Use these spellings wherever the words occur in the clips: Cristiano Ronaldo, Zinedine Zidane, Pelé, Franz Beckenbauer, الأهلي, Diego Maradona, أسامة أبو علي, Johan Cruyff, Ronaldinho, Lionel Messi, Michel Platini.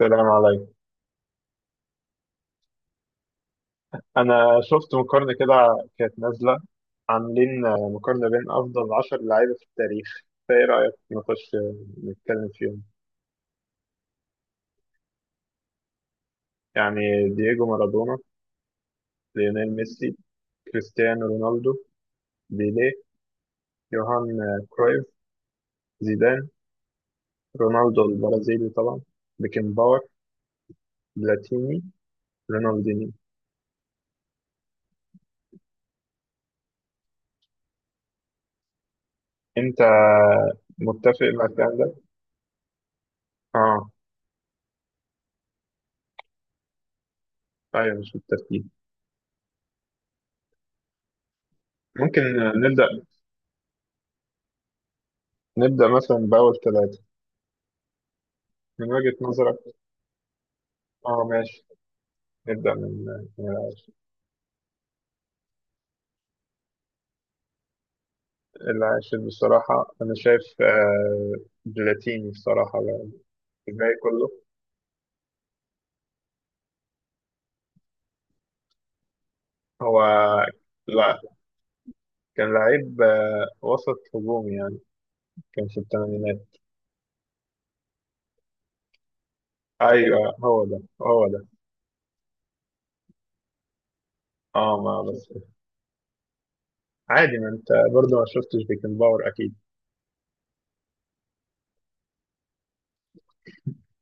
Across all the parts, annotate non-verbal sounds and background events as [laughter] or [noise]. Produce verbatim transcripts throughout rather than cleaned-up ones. السلام عليكم. أنا شفت مقارنة كده كانت نازلة، عاملين مقارنة بين أفضل عشر لعيبة في التاريخ. فإيه رأيك نخش نتكلم فيهم؟ يعني دييجو مارادونا، ليونيل ميسي، كريستيانو رونالدو، بيليه، يوهان كرويف، زيدان، رونالدو البرازيلي طبعا، بيكنباور، بلاتيني، رونالديني. أنت متفق مع الكلام ده؟ آه، أيوه، مش بالترتيب. ممكن نبدأ نبدأ مثلا بأول ثلاثة من وجهة نظرك. اه، ماشي، نبدأ من من العاشر. العاشر بصراحة أنا شايف آه، بلاتيني بصراحة بقى. الباقي كله. هو، لا، كان لعيب آه، وسط هجومي، يعني كان في الثمانينات. أيوه، هو ده هو ده. اه، ما بس عادي، ما أنت برضه ما شفتش بيكنباور أكيد.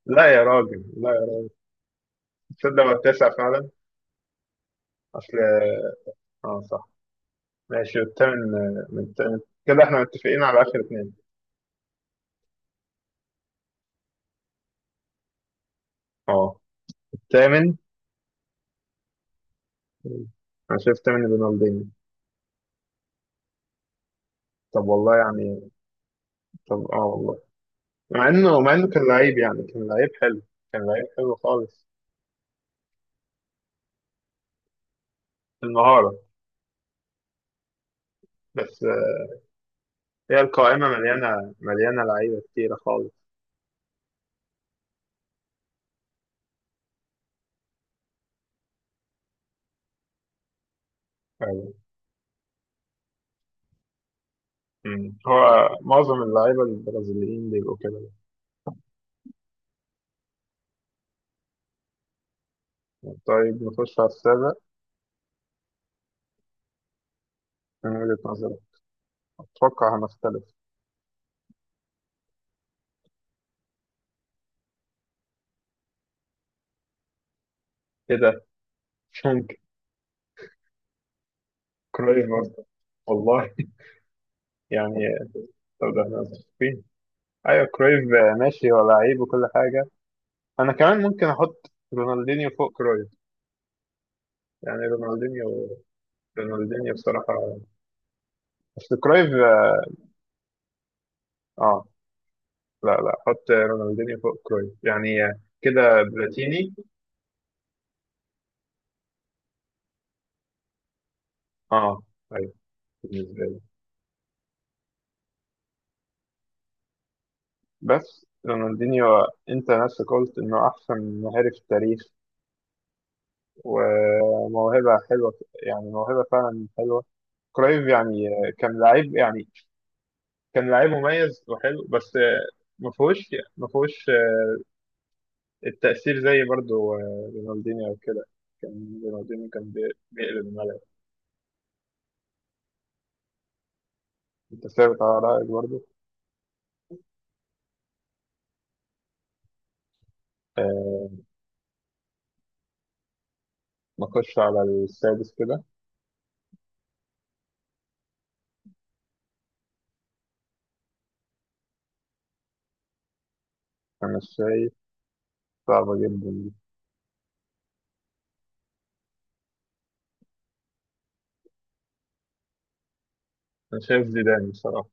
لا يا راجل، لا يا راجل. تصدق هو التاسع فعلا. أصل، اه، صح، ماشي. والثامن، آه، من الثامن. كده احنا متفقين على آخر اتنين. اه. الثامن. مم. انا شايف تمني رونالدينيو. طب والله يعني. طب، اه، والله، مع انه مع انه كان لعيب، يعني كان لعيب حلو. كان لعيب حلو خالص. المهارة. بس، آه، هي القائمة مليانة مليانة لعيبة كتيرة خالص. أيوة. أمم. هو معظم اللعيبة البرازيليين بيبقوا كده. طيب، نخش على السابع. من وجهة نظري أتوقع هنختلف. إيه ده؟ ممكن. كرويف أصلا؟ والله. [laughs] يعني. طب، ده احنا متفقين. أيوة، كرويف، آه، ماشي، هو لعيب وكل حاجة. انا كمان ممكن احط رونالدينيو فوق كرويف. يعني رونالدينيو. رونالدينيو بصراحة. اصل كرويف. اه، لا لا، احط رونالدينيو فوق كرويف، يعني آه، كده بلاتيني. اه، ايوه. بالنسبة لي بس رونالدينيو، انت نفسك قلت انه احسن مهاري في التاريخ وموهبة حلوة. يعني موهبة فعلا حلوة. كرويف يعني آه، كان لعيب، يعني كان لعيب مميز وحلو، بس. آه، ما فيهوش ما فيهوش التأثير زي برضو آه، رونالدينيو وكده. كان رونالدينيو كان بي- بيقلب الملعب. انت ثابت على رأيك برضو. آه، نخش على السادس كده. انا شايف صعبة جدا دي. انا شايف زيدان بصراحة،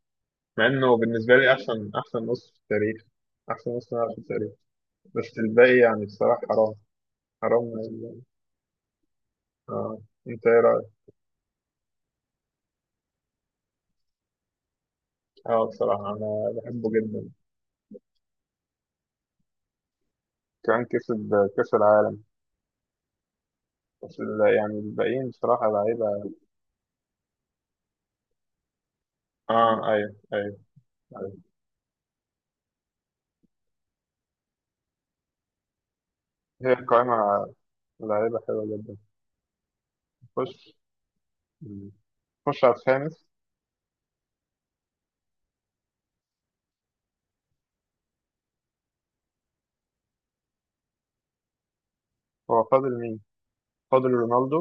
مع انه بالنسبة لي احسن احسن نص في التاريخ، احسن نص ملعب في التاريخ، بس الباقي يعني بصراحة حرام. حرام يعني. اه. انت ايه رأيك؟ اه، بصراحة انا بحبه جدا. كان كسب كأس العالم، بس ال- يعني الباقيين بصراحة لعيبة. اه، ايوه، ايوه. هي القائمة لعيبة حلوة جدا. خش خش على الخامس. هو فاضل مين؟ فاضل رونالدو.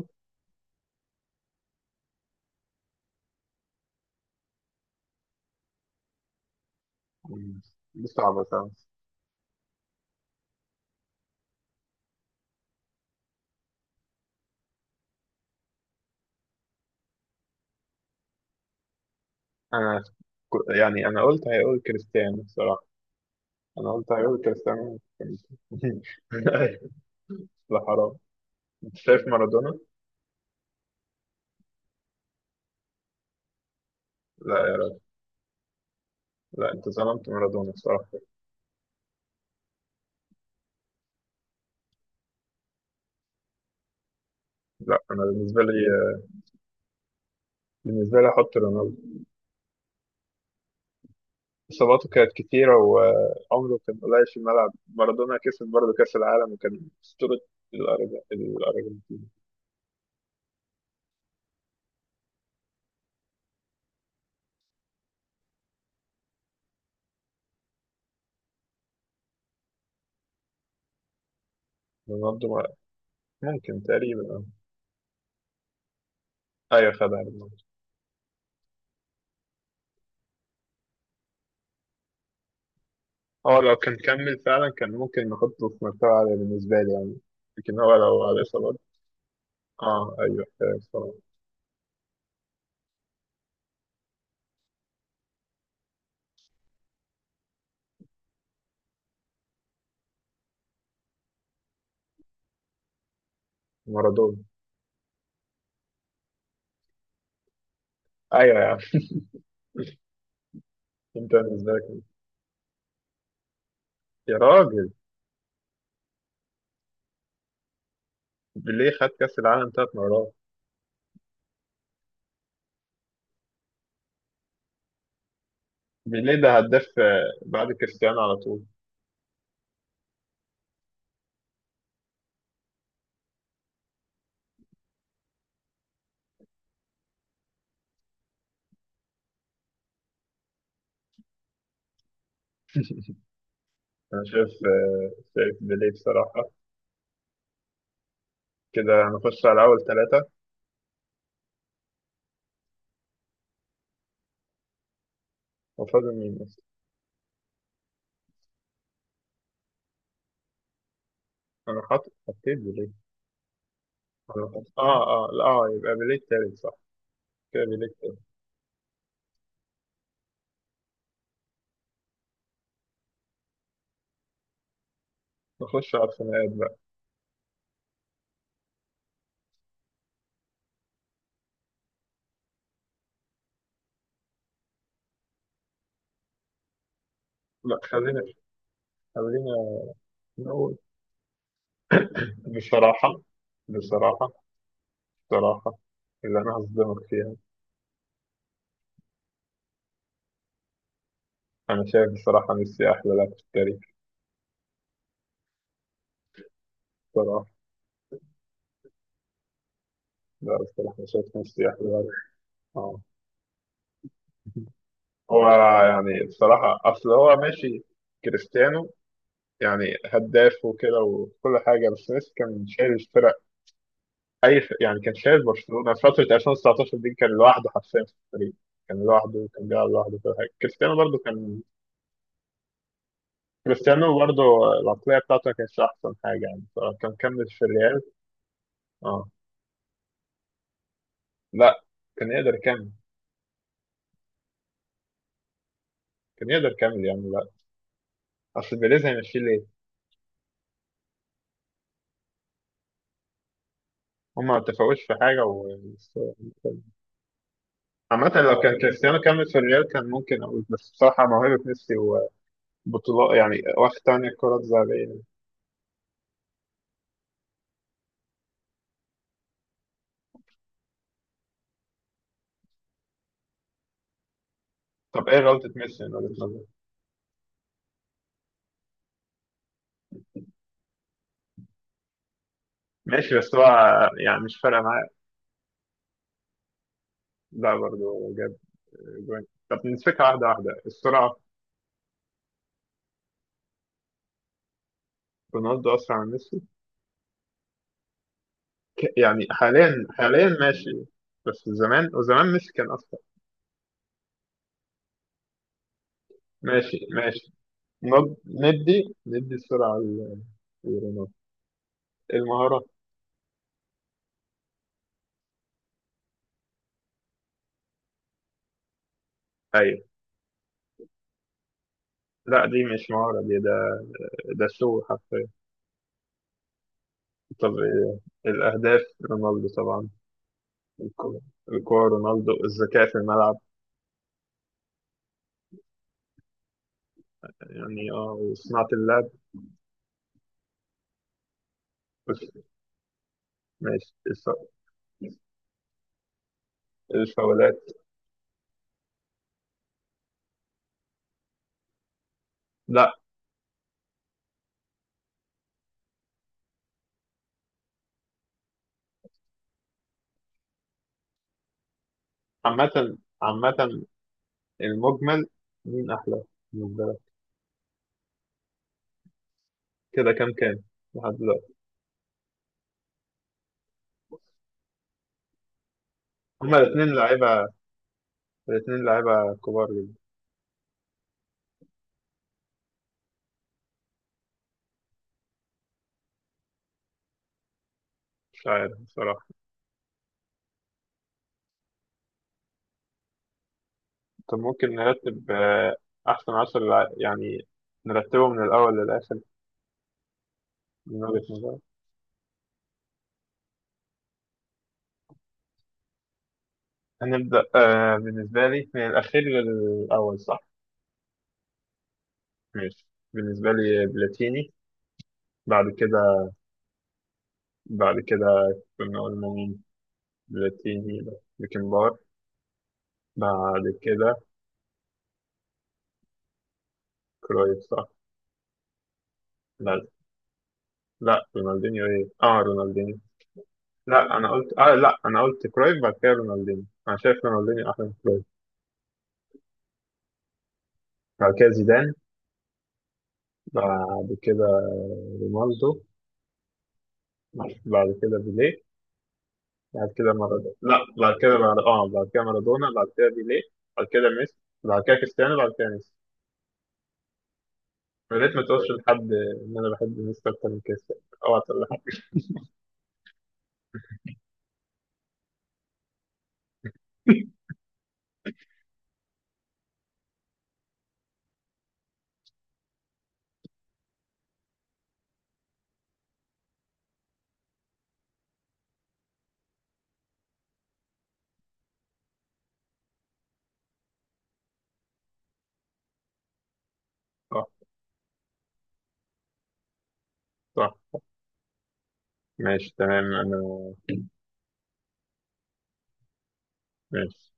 مم. دي صعبة صعبة. أنا ك- يعني أنا قلت هيقول كريستيانو بصراحة. أنا قلت هيقول كريستيانو. [laughs] لا، حرام. أنت شايف مارادونا؟ لا يا راجل. لا، أنت ظلمت مارادونا بصراحة. لا، أنا بالنسبة لي، بالنسبة لي أحط رونالدو. إصاباته كانت كتيرة وعمره كان قليل في الملعب، مارادونا كسب برضه كأس العالم وكان أسطورة الأرج- الأرجنتين. رونالدو ما- ممكن تقريبا، أه. أيوة، خدها رونالدو. هو لو كان كمل فعلا كان ممكن نحطه في مرتبة عالية بالنسبة لي يعني، لكن هو لو على إصابات. أه، أيوة، آه، صراحة. مارادونا. أيوة يا عم. أنت بالنسبة لك مين؟ يا راجل، بيليه خد كأس العالم ثلاث مرات. بيليه ده هداف، آه، بعد كريستيانو على طول. أنا شايف آه، شايف بيليه بصراحة. كده نخش على أول ثلاثة. وفاضل مين بس. أنا حاطط حطيت بيليه. أنا حاطط آه آه لا آه يبقى بيليه التالت صح. كده بيليه التالت. نخش على الخناقات بقى. لا، خلينا خلينا نقول. [coughs] بصراحة بصراحة بصراحة اللي أنا هصدمك فيها. أنا شايف بصراحة ميسي أحلى لاعب في التاريخ. بصراحة. لا، بصراحة أنا شايف ميسي أحلى لاعب. آه. هو، يعني بصراحة أصل هو ماشي. كريستيانو يعني هداف وكده وكل حاجة، بس ميسي كان شايل الفرق. اي ف... يعني كان شايل برشلونه في فتره ألفين وتسعتاشر دي، كان لوحده حرفيا في الفريق. كان لوحده، كان بيلعب لوحده في حاجه. كريستيانو برضه كان. كريستيانو برضه العقليه بتاعته ما كانتش احسن حاجه يعني. كان كمل في الريال. اه، لا، كان يقدر يكمل. كان يقدر يكمل يعني، لا. اصل بيريز هيمشي ليه؟ هما ما اتفقوش في حاجه و [laughs] عامة، لو كان كريستيانو كمل في الريال كان ممكن أقول، بس بصراحة موهبة ميسي وبطولات، يعني واخد تاني الكرة الذهبية. طب إيه غلطة ميسي من وجهة نظرك؟ ماشي بس هو يعني مش فارقة معاه. لا، برضه جاب جوان. طب نمسكها واحدة واحدة. السرعة. رونالدو أسرع من ميسي. ك- يعني حاليا، حاليا ماشي، بس زمان وزمان ميسي كان أسرع. ماشي ماشي. نض- ندي ندي السرعة ل- لرونالدو. المهارة. أيوة. لا، دي مش مهارة، دي ده ده شو حرفيا. طب إيه؟ الأهداف رونالدو طبعا. الكورة. الكورة رونالدو. الذكاء في الملعب، يعني اه وصناعة اللعب. بس ماشي. الفاولات. لا. عامة عامة المجمل، مين أحلى بالنسبة لك؟ كده كام كام لحد دلوقتي؟ هما الاتنين لعيبة. الاتنين لعيبة كبار جدا. مش عارف بصراحة. طب ممكن نرتب، آه، أحسن عشر لع- يعني نرتبه من الأول للآخر. من وجهة نظري هنبدأ آه بالنسبة لي من الأخير للأول صح؟ ماشي. بالنسبة لي بلاتيني. بعد كده. بعد كده كنا قلنا مين. بلاتيني، بيكنبار. بعد كده كرويف صح. لا لا، رونالدينيو ايه اه رونالدينيو لا انا قلت اه لا، انا قلت كرويف بعد كده رونالدينيو. انا شايف رونالدينيو احلى من كرويف. بعد كده زيدان. بعد كده رونالدو. بعد كده بيليه. بعد كده مارادونا. لا، بعد كده، بعد اه بعد كده مارادونا، بعد كده بيليه. بعد كده ميسي. بعد كده كريستيانو بعد كده ميسي. يا ريت ما تقولش لحد ان انا بحب ميسي اكتر من كريستيانو. اوعى تقول لحد. اه، صح، ماشي، تمام. انا ماشي.